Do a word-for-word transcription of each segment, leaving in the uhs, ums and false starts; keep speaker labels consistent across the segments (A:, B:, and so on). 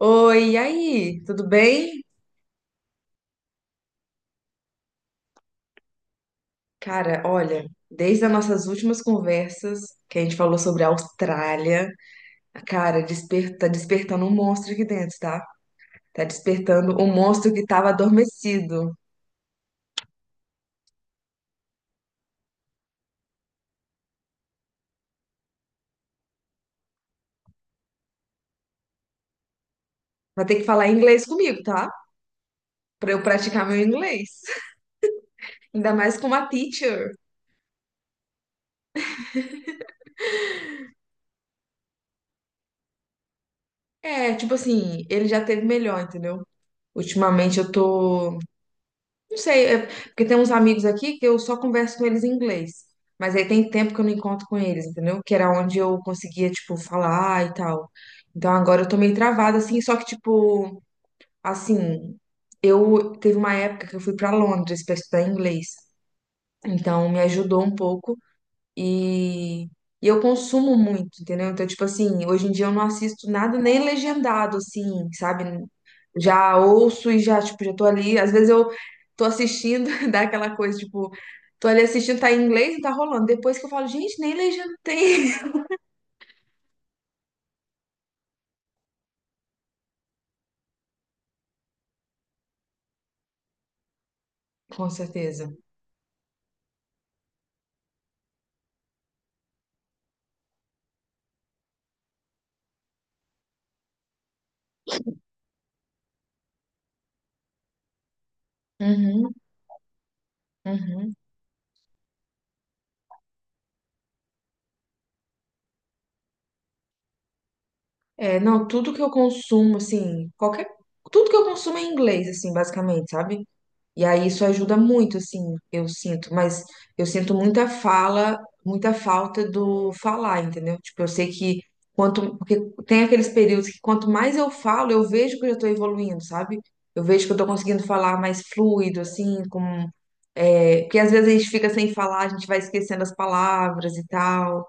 A: Oi, e aí? Tudo bem? Cara, olha, desde as nossas últimas conversas, que a gente falou sobre a Austrália, cara, desper- tá despertando um monstro aqui dentro, tá? Tá despertando um monstro que tava adormecido. Vai ter que falar inglês comigo, tá? Pra eu praticar meu inglês. Ainda mais com uma teacher. É, tipo assim, ele já teve melhor, entendeu? Ultimamente eu tô. Não sei, é- porque tem uns amigos aqui que eu só converso com eles em inglês. Mas aí tem tempo que eu não encontro com eles, entendeu? Que era onde eu conseguia, tipo, falar e tal. Então agora eu tô meio travada, assim, só que, tipo, assim, eu teve uma época que eu fui pra Londres pra estudar inglês. Então me ajudou um pouco e, e eu consumo muito, entendeu? Então, tipo assim, hoje em dia eu não assisto nada nem legendado, assim, sabe? Já ouço e já, tipo, já tô ali. Às vezes eu tô assistindo, dá aquela coisa, tipo, tô ali assistindo, tá em inglês e tá rolando. Depois que eu falo, gente, nem legenda tem. Com certeza. Uhum, uhum. É, não, tudo que eu consumo, assim, qualquer. Tudo que eu consumo é em inglês, assim, basicamente, sabe? E aí isso ajuda muito, assim, eu sinto, mas eu sinto muita fala, muita falta do falar, entendeu? Tipo, eu sei que quanto, porque tem aqueles períodos que quanto mais eu falo, eu vejo que eu já tô evoluindo, sabe? Eu vejo que eu tô conseguindo falar mais fluido, assim, com, é, porque às vezes a gente fica sem falar, a gente vai esquecendo as palavras e tal.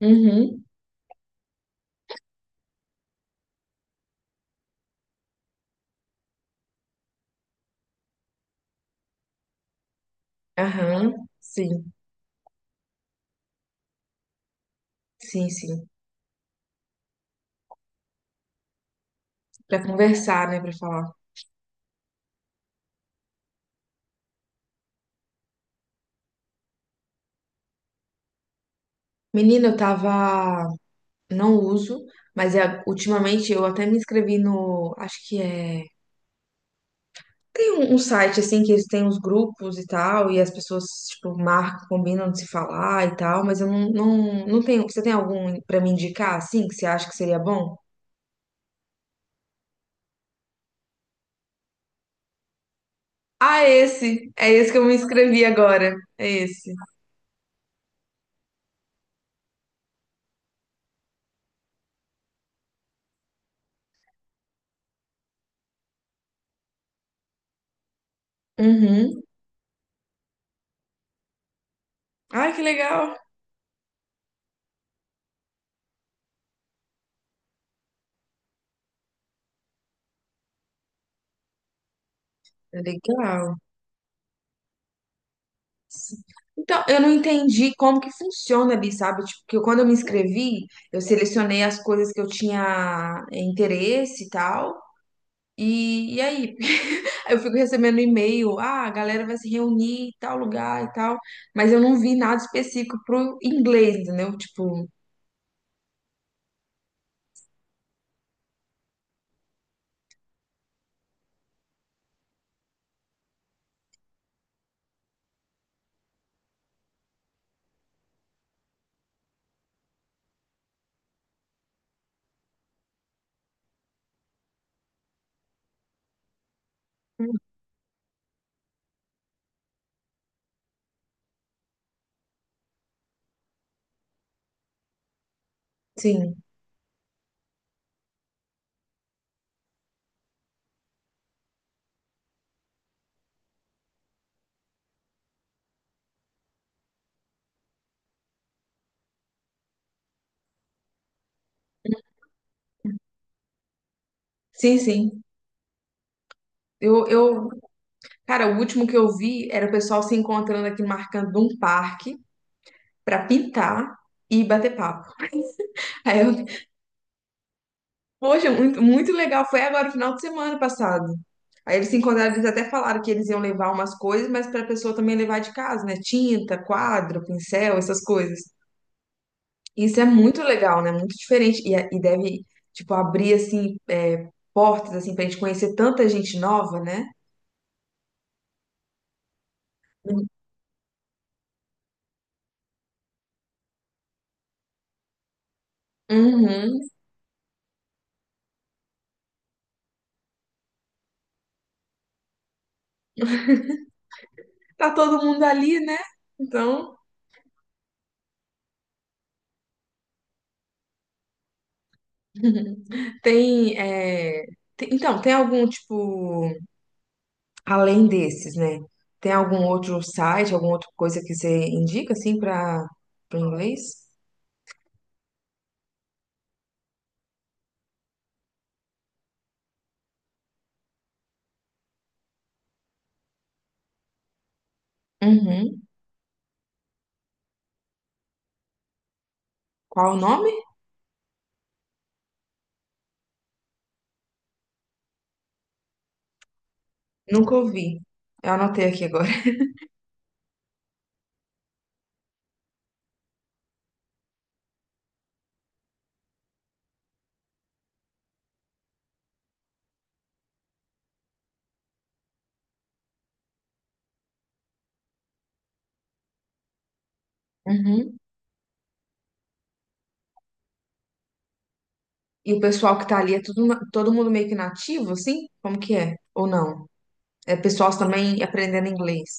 A: Uhum, aham, sim, sim, sim. Pra conversar, né, pra falar. Menina, eu tava não uso, mas é- ultimamente eu até me inscrevi no, acho que é, tem um, um site assim que eles têm os grupos e tal, e as pessoas tipo marcam, combinam de se falar e tal, mas eu não, não, não tenho, você tem algum pra me indicar assim que você acha que seria bom? Ah, é esse, é esse que eu me inscrevi agora, é esse. Uhum. Ai, que legal. É legal. Então, eu não entendi como que funciona ali, sabe? Tipo, que eu- quando eu me inscrevi, eu selecionei as coisas que eu tinha interesse e tal. E, e aí? Eu fico recebendo e-mail, ah, a galera vai se reunir em tal lugar e tal, mas eu não vi nada específico pro inglês, entendeu? Tipo, sim, sim, sim. Eu, eu, cara, o último que eu vi era o pessoal se encontrando aqui, marcando um parque pra pintar e bater papo. Aí eu, poxa, muito, muito legal. Foi agora, no final de semana passado. Aí eles se encontraram, eles até falaram que eles iam levar umas coisas, mas pra pessoa também levar de casa, né? Tinta, quadro, pincel, essas coisas. Isso é muito legal, né? Muito diferente. E, e deve, tipo, abrir, assim, é, portas, assim, pra gente conhecer tanta gente nova, né? Uhum. Tá todo mundo ali, né? Então, tem, é, tem- Então, tem algum, tipo, além desses, né? Tem algum outro site, alguma outra coisa que você indica, assim, pra, pro inglês? Uhum. Qual o nome? Nunca ouvi. Eu anotei aqui agora. Uhum. E o pessoal que tá ali é tudo, na- todo mundo meio que nativo, assim? Como que é? Ou não? É pessoal também aprendendo inglês.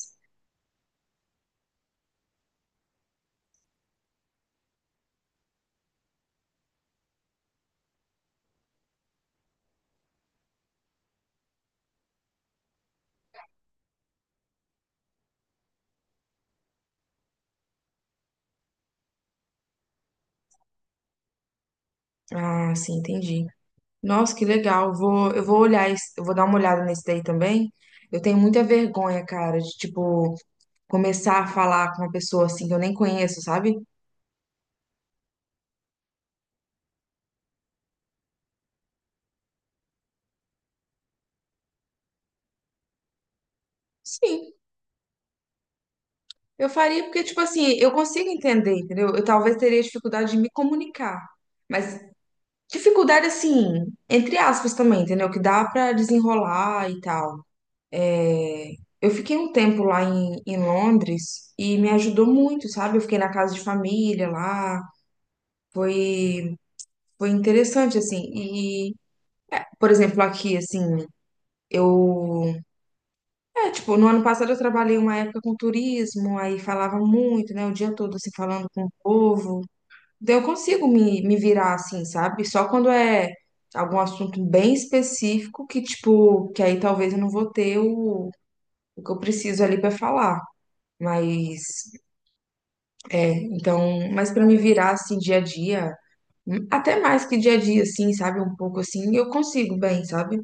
A: Ah, sim, entendi. Nossa, que legal. Vou, eu vou olhar, esse- eu vou dar uma olhada nesse daí também. Eu tenho muita vergonha, cara, de tipo começar a falar com uma pessoa assim que eu nem conheço, sabe? Sim, eu faria porque tipo assim, eu consigo entender, entendeu? Eu talvez teria dificuldade de me comunicar, mas dificuldade assim, entre aspas também, entendeu? Que dá pra desenrolar e tal. Eu fiquei um tempo lá em, em Londres e me ajudou muito, sabe? Eu fiquei na casa de família lá, foi, foi interessante, assim. E, por exemplo, aqui, assim, eu. É, tipo, no ano passado eu trabalhei uma época com turismo, aí falava muito, né? O dia todo, assim, falando com o povo. Então eu consigo me, me virar, assim, sabe? Só quando é algum assunto bem específico que, tipo, que aí talvez eu não vou ter o, o que eu preciso ali pra falar. Mas é, então, mas pra me virar assim dia a dia, hum, até mais que dia a dia, assim, sabe? Um pouco assim, eu consigo bem, sabe?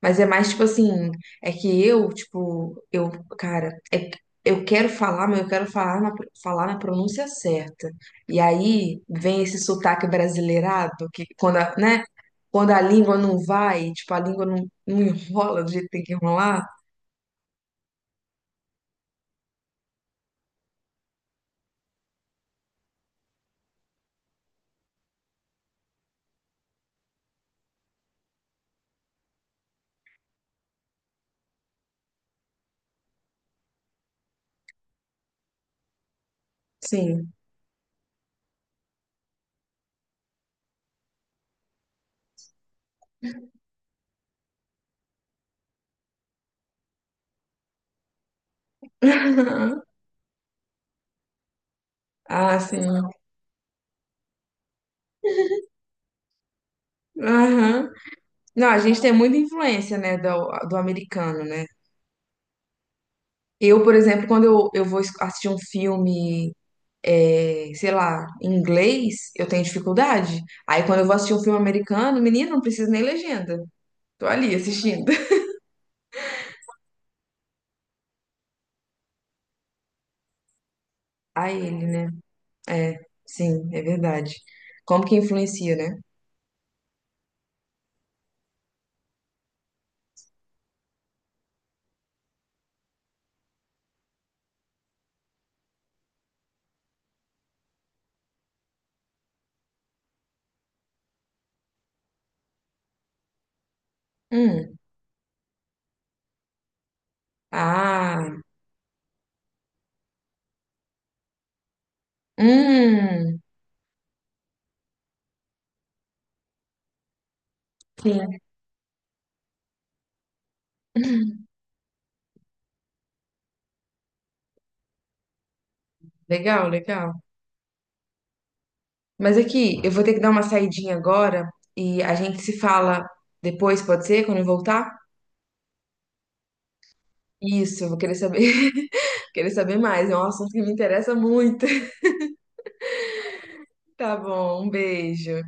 A: Mas é mais tipo assim, é que eu, tipo, eu, cara, é que eu quero falar, mas eu quero falar na, falar na pronúncia certa. E aí vem esse sotaque brasileirado, que quando, a- né? Quando a língua não vai, tipo, a língua não, não enrola do jeito que tem que enrolar. Sim. Ah, sim. Aham. Não, a gente tem muita influência, né, do, do americano, né? Eu, por exemplo, quando eu, eu vou es- assistir um filme, é, sei lá, em inglês, eu tenho dificuldade. Aí quando eu vou assistir um filme americano, menino, não precisa nem legenda. Tô ali assistindo. A ele, né? É, sim, é verdade. Como que influencia, né? Hum. Ah, hum. Sim. Legal, legal. Mas aqui, eu vou ter que dar uma saidinha agora e a gente se fala depois, pode ser? Quando eu voltar? Isso, eu vou querer saber, querer saber mais. É um assunto que me interessa muito. Tá bom, um beijo.